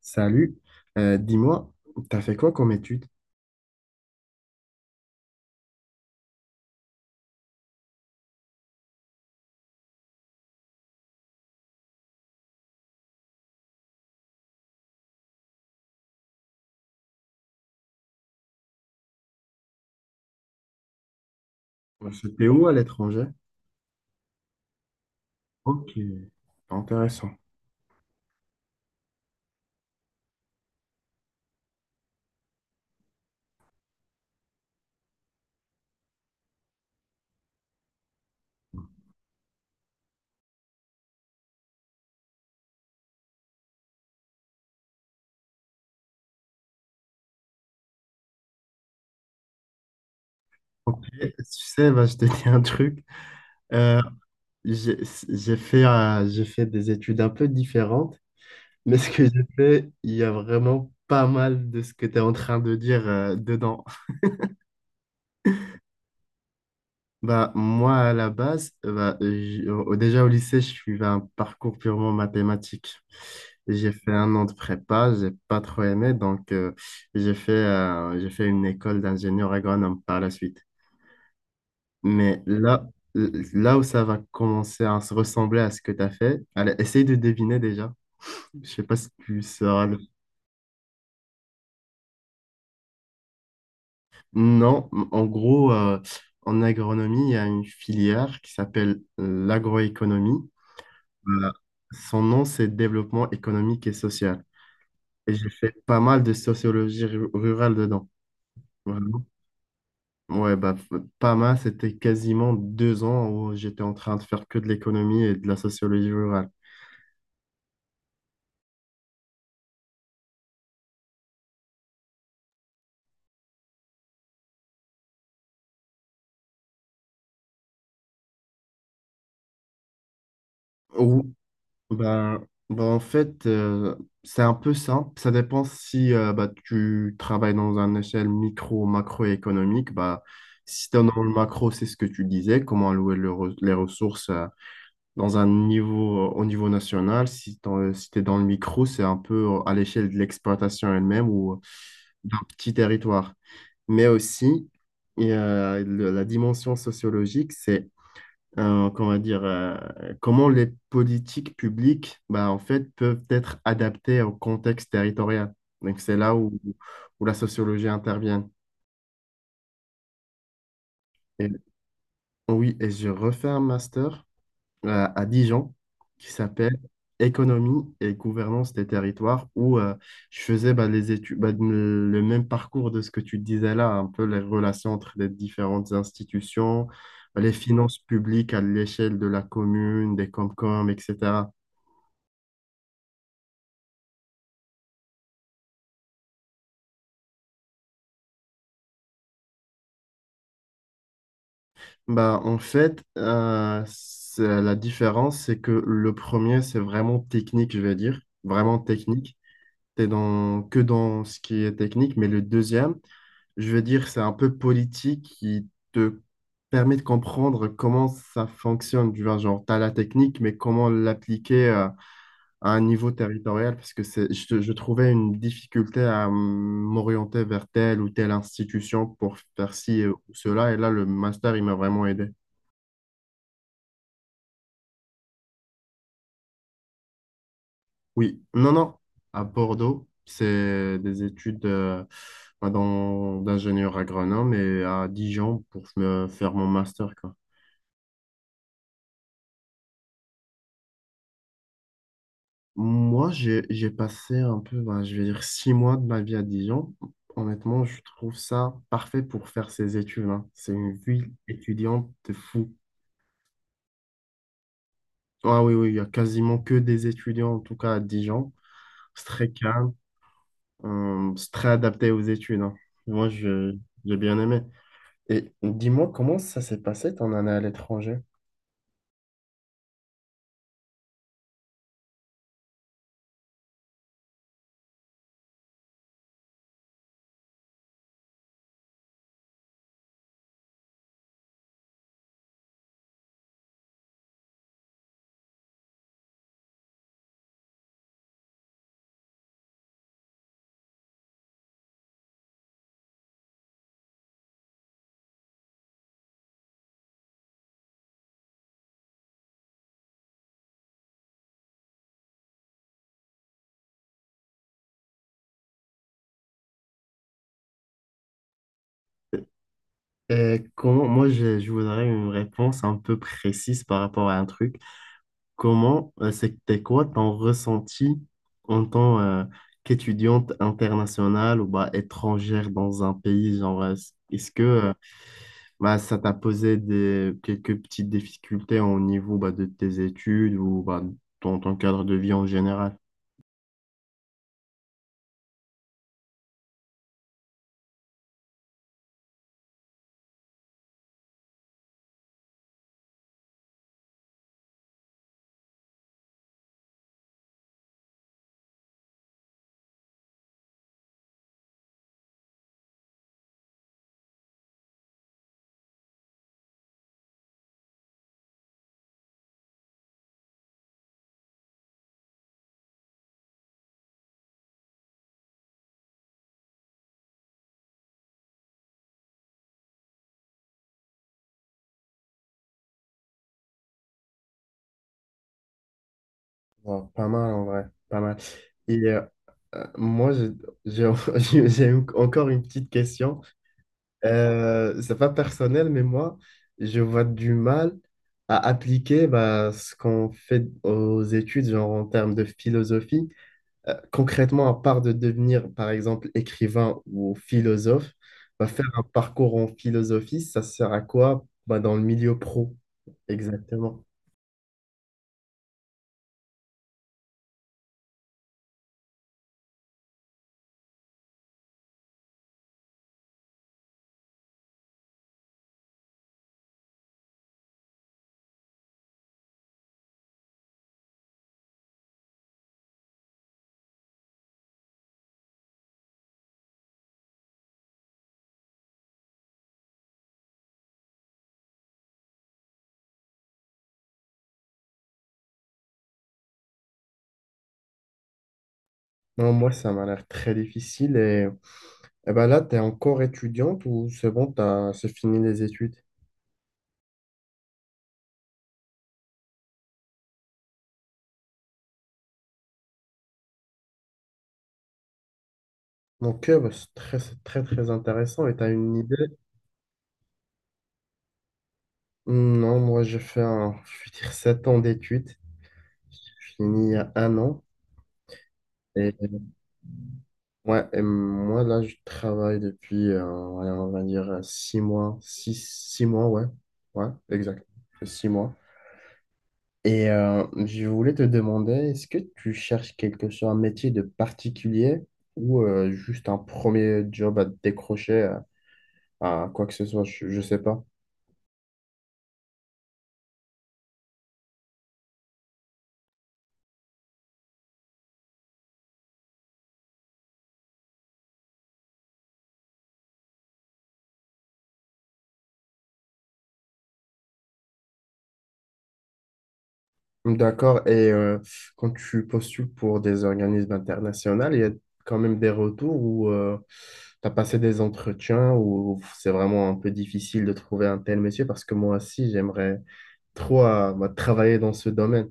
Salut, dis-moi, t'as fait quoi comme étude? C'était où à l'étranger? Ok, intéressant. Ok, tu sais, bah, je te dis un truc. Euh, j'ai j'ai fait, j'ai fait des études un peu différentes, mais ce que j'ai fait, il y a vraiment pas mal de ce que tu es en train de dire dedans. Bah, moi, à la base, bah, déjà au lycée, je suivais un parcours purement mathématique. J'ai fait un an de prépa, j'ai pas trop aimé, donc j'ai fait une école d'ingénieur agronome par la suite. Mais là, là où ça va commencer à se ressembler à ce que tu as fait, allez, essaye de deviner déjà. Je sais pas si tu sauras. Non, en gros, en agronomie, il y a une filière qui s'appelle l'agroéconomie. Euh, Son nom, c'est Développement économique et social. Et j'ai fait pas mal de sociologie rurale dedans. Vraiment. Ouais, bah, pas mal. C'était quasiment 2 ans où j'étais en train de faire que de l'économie et de la sociologie rurale. Ou, bah, bah, en fait, c'est un peu ça. Ça dépend si bah, tu travailles dans une échelle micro ou macroéconomique. Bah, si tu es dans le macro, c'est ce que tu disais, comment allouer les ressources. Dans un niveau, au niveau national, si tu es dans le micro, c'est un peu à l'échelle de l'exploitation elle-même ou d'un petit territoire. Mais aussi, il y a la dimension sociologique, c'est comment dire, comment les politiques publiques bah, en fait, peuvent être adaptées au contexte territorial. Donc, c'est là où la sociologie intervient. Et, oui, et je refais un master à Dijon qui s'appelle Économie et gouvernance des territoires où je faisais bah, les études, bah, le même parcours de ce que tu disais là, un peu les relations entre les différentes institutions, les finances publiques à l'échelle de la commune, des Comcom, etc. Bah, en fait, la différence, c'est que le premier, c'est vraiment technique, je vais dire, vraiment technique. T'es dans, que dans ce qui est technique, mais le deuxième, je veux dire, c'est un peu politique qui te permet de comprendre comment ça fonctionne. Tu vois, genre, tu as la technique, mais comment l'appliquer à un niveau territorial, parce que c'est, je trouvais une difficulté à m'orienter vers telle ou telle institution pour faire ci ou cela, et là, le master, il m'a vraiment aidé. Oui, non, non, à Bordeaux, c'est des études bah, d'ingénieur agronome et à Dijon pour me faire mon master, quoi. Moi, j'ai passé un peu, ben, je vais dire, 6 mois de ma vie à Dijon. Honnêtement, je trouve ça parfait pour faire ces études, hein. C'est une ville étudiante de fou. Ah oui, oui, il y a quasiment que des étudiants, en tout cas à Dijon. C'est très calme, c'est très adapté aux études, hein. Moi, j'ai bien aimé. Et dis-moi, comment ça s'est passé ton année à l'étranger? Et comment, moi, je voudrais une réponse un peu précise par rapport à un truc. Comment, c'était quoi ton ressenti en tant qu'étudiante internationale ou bah, étrangère dans un pays? Genre, est-ce que bah, ça t'a posé des, quelques petites difficultés au niveau bah, de tes études ou bah, dans ton cadre de vie en général? Bon, pas mal en vrai, pas mal. Et moi, je- j'ai encore une petite question. C'est pas personnel, mais moi, je vois du mal à appliquer bah, ce qu'on fait aux études, genre en termes de philosophie. Concrètement, à part de devenir, par exemple, écrivain ou philosophe, bah, faire un parcours en philosophie, ça sert à quoi bah, dans le milieu pro, exactement. Non, moi, ça m'a l'air très difficile et. Eh ben là, tu es encore étudiante ou c'est bon, c'est fini les études? Donc, bah, c'est très, très intéressant. Et tu as une idée? Non, moi, j'ai fait un, je vais dire, 7 ans d'études. J'ai fini il y a un an. Et, ouais, et moi, là, je travaille depuis, ouais, on va dire, 6 mois. 6 mois, ouais. Ouais, exact. 6 mois. Et je voulais te demander, est-ce que tu cherches quelque chose, un métier de particulier ou juste un premier job à te décrocher? À quoi que ce soit, je sais pas. D'accord. Et quand tu postules pour des organismes internationaux, il y a quand même des retours où tu as passé des entretiens où c'est vraiment un peu difficile de trouver un tel monsieur parce que moi aussi, j'aimerais trop moi, travailler dans ce domaine.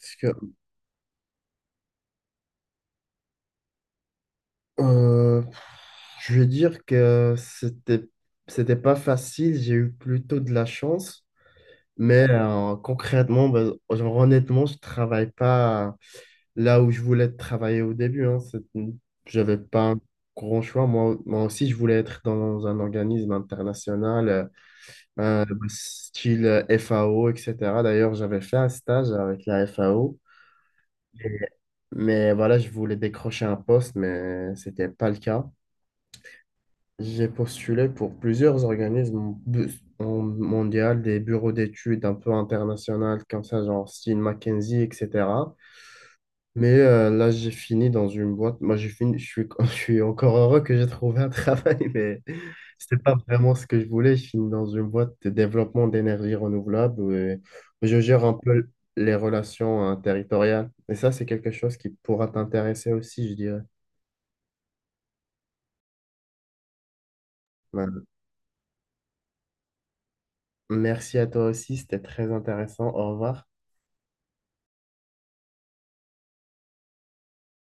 Parce que. Euh, je vais dire que c'était pas facile, j'ai eu plutôt de la chance, mais concrètement, ben, genre, honnêtement, je travaille pas là où je voulais travailler au début, hein. J'avais pas un grand choix. Moi, moi aussi, je voulais être dans un organisme international, style FAO, etc. D'ailleurs, j'avais fait un stage avec la FAO, mais voilà, je voulais décrocher un poste, mais c'était pas le cas. J'ai postulé pour plusieurs organismes en mondial, des bureaux d'études un peu internationales, comme ça, genre style McKinsey, etc. Mais là, j'ai fini dans une boîte. Moi, j'ai fini, je suis encore heureux que j'ai trouvé un travail, mais c'était pas vraiment ce que je voulais. Je finis dans une boîte de développement d'énergie renouvelable où, je gère un peu les relations territoriales. Et ça, c'est quelque chose qui pourra t'intéresser aussi, je dirais. Ouais. Merci à toi aussi, c'était très intéressant. Au revoir.